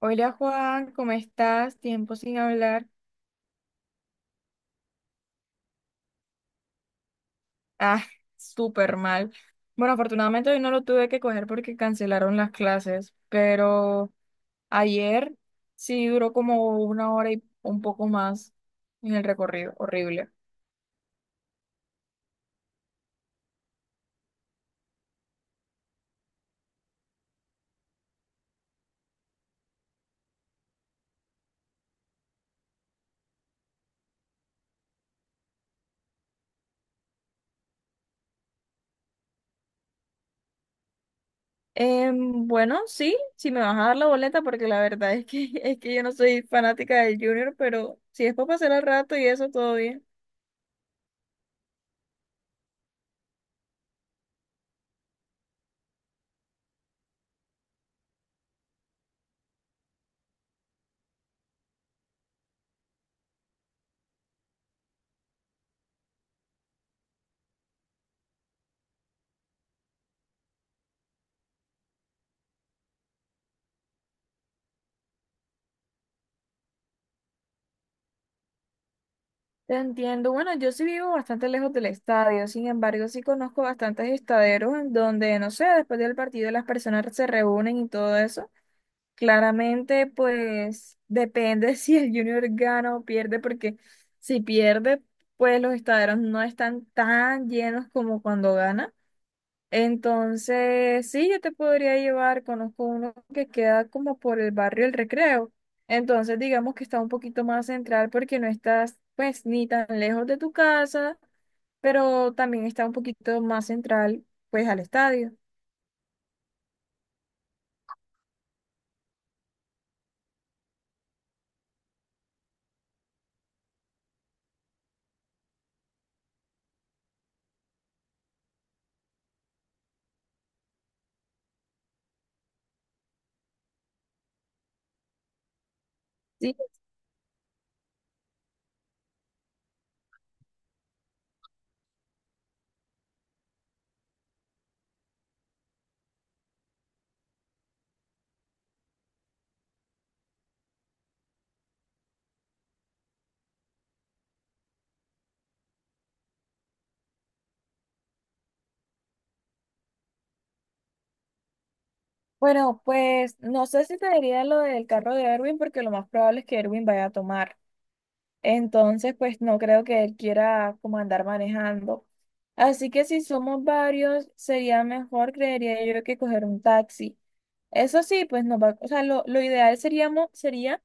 Hola Juan, ¿cómo estás? Tiempo sin hablar. Ah, súper mal. Bueno, afortunadamente hoy no lo tuve que coger porque cancelaron las clases, pero ayer sí duró como una hora y un poco más en el recorrido. Horrible. Bueno, sí, si me vas a dar la boleta, porque la verdad es que, es que yo no soy fanática del Junior, pero si es para pasar el rato y eso, todo bien. Te entiendo. Bueno, yo sí vivo bastante lejos del estadio, sin embargo, sí conozco bastantes estaderos en donde, no sé, después del partido las personas se reúnen y todo eso. Claramente, pues depende si el Junior gana o pierde, porque si pierde, pues los estaderos no están tan llenos como cuando gana. Entonces, sí, yo te podría llevar, conozco uno que queda como por el barrio El Recreo. Entonces, digamos que está un poquito más central porque no estás pues ni tan lejos de tu casa, pero también está un poquito más central pues al estadio. Sí, bueno, pues no sé si te diría lo del carro de Erwin porque lo más probable es que Erwin vaya a tomar. Entonces, pues no creo que él quiera como andar manejando. Así que si somos varios, sería mejor, creería yo, que coger un taxi. Eso sí, pues no va, o sea, lo ideal seríamos, sería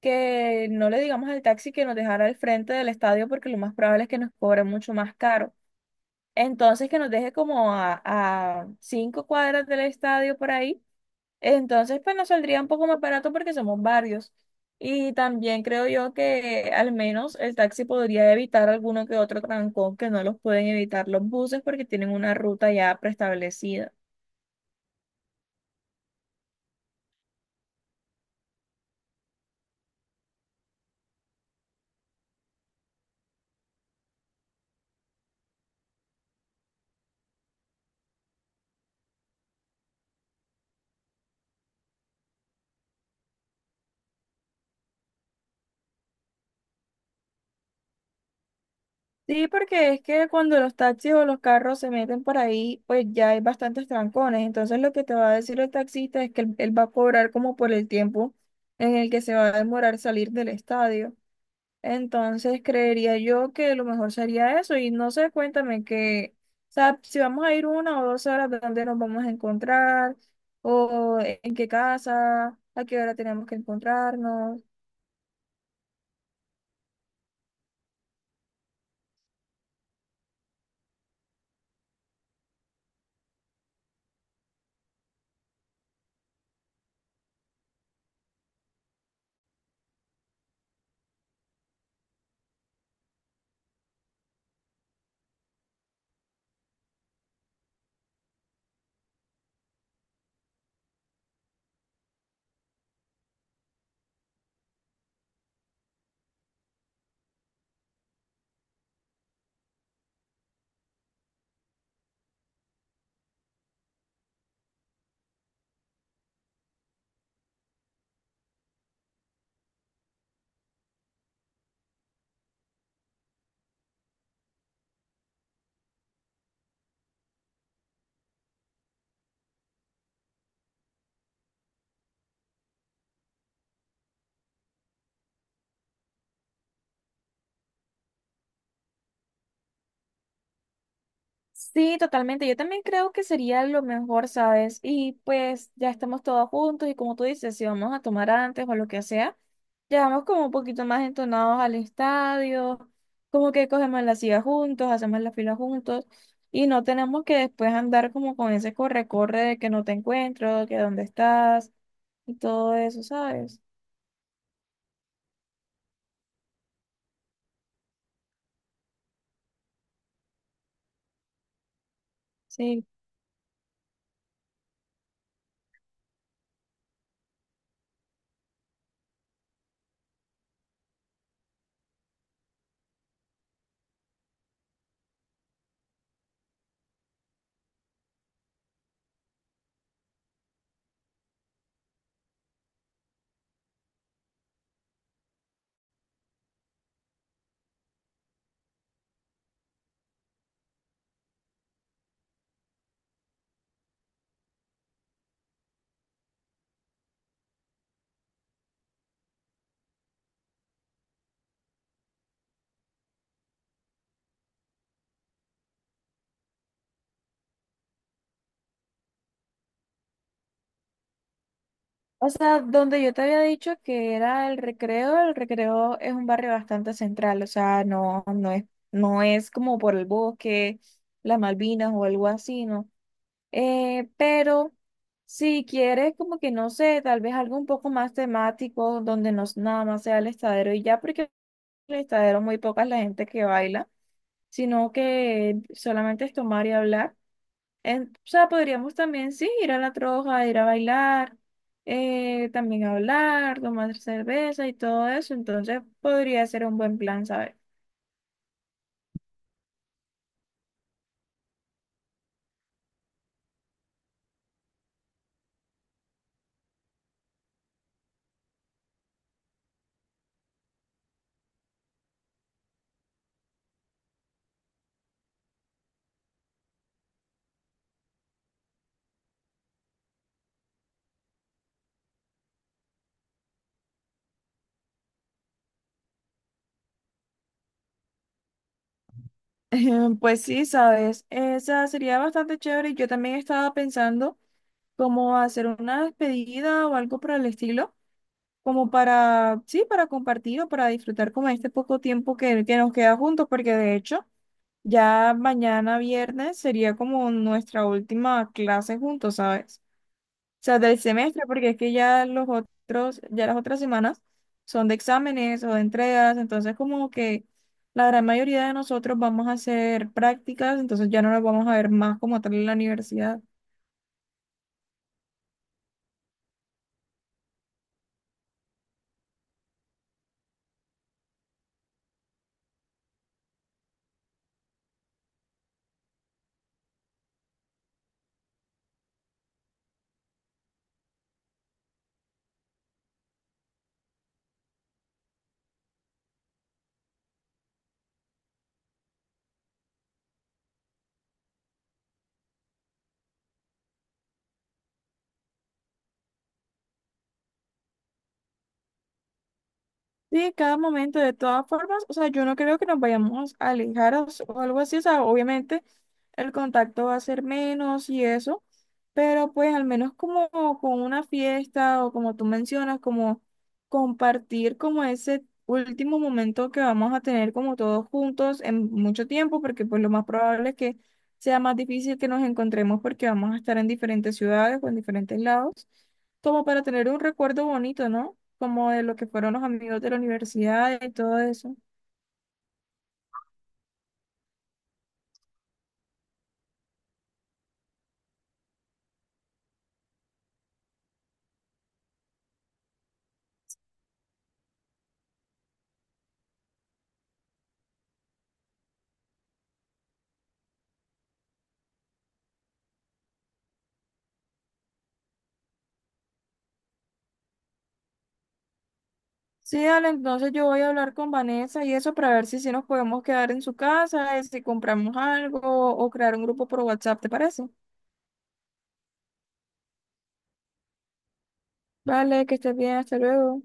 que no le digamos al taxi que nos dejara al frente del estadio porque lo más probable es que nos cobre mucho más caro. Entonces, que nos deje como a 5 cuadras del estadio por ahí entonces, pues nos saldría un poco más barato porque somos varios. Y también creo yo que al menos el taxi podría evitar alguno que otro trancón que no los pueden evitar los buses porque tienen una ruta ya preestablecida. Sí, porque es que cuando los taxis o los carros se meten por ahí, pues ya hay bastantes trancones. Entonces lo que te va a decir el taxista es que él va a cobrar como por el tiempo en el que se va a demorar salir del estadio. Entonces creería yo que lo mejor sería eso. Y no sé, cuéntame que, o sea, si vamos a ir 1 o 2 horas, ¿dónde nos vamos a encontrar? ¿O en qué casa? ¿A qué hora tenemos que encontrarnos? Sí, totalmente. Yo también creo que sería lo mejor, ¿sabes? Y pues ya estamos todos juntos y como tú dices, si vamos a tomar antes o lo que sea, llegamos como un poquito más entonados al estadio, como que cogemos la silla juntos, hacemos la fila juntos y no tenemos que después andar como con ese corre-corre de que no te encuentro, que dónde estás y todo eso, ¿sabes? Sí. O sea, donde yo te había dicho que era el recreo es un barrio bastante central, o sea, no, no es como por el bosque, las Malvinas o algo así, ¿no? Pero si quieres como que no sé, tal vez algo un poco más temático, donde nada más sea el estadero y ya, porque el estadero muy poca es la gente que baila, sino que solamente es tomar y hablar. O sea, podríamos también, sí, ir a la troja, ir a bailar, también hablar, tomar cerveza y todo eso. Entonces podría ser un buen plan, ¿sabes? Pues sí, sabes, esa sería bastante chévere. Yo también estaba pensando cómo hacer una despedida o algo por el estilo, como para, sí, para compartir o para disfrutar como este poco tiempo que nos queda juntos, porque de hecho ya mañana viernes sería como nuestra última clase juntos, ¿sabes? Sea, del semestre, porque es que ya los otros, ya las otras semanas son de exámenes o de entregas, entonces como que la gran mayoría de nosotros vamos a hacer prácticas, entonces ya no nos vamos a ver más como tal en la universidad. Sí, cada momento, de todas formas, o sea, yo no creo que nos vayamos a alejar o algo así, o sea, obviamente el contacto va a ser menos y eso, pero pues al menos como con una fiesta o como tú mencionas, como compartir como ese último momento que vamos a tener como todos juntos en mucho tiempo, porque pues lo más probable es que sea más difícil que nos encontremos porque vamos a estar en diferentes ciudades o en diferentes lados, como para tener un recuerdo bonito, ¿no? Como de lo que fueron los amigos de la universidad y todo eso. Sí, dale, entonces yo voy a hablar con Vanessa y eso para ver si, si nos podemos quedar en su casa, y si compramos algo o crear un grupo por WhatsApp, ¿te parece? Vale, que estés bien, hasta luego.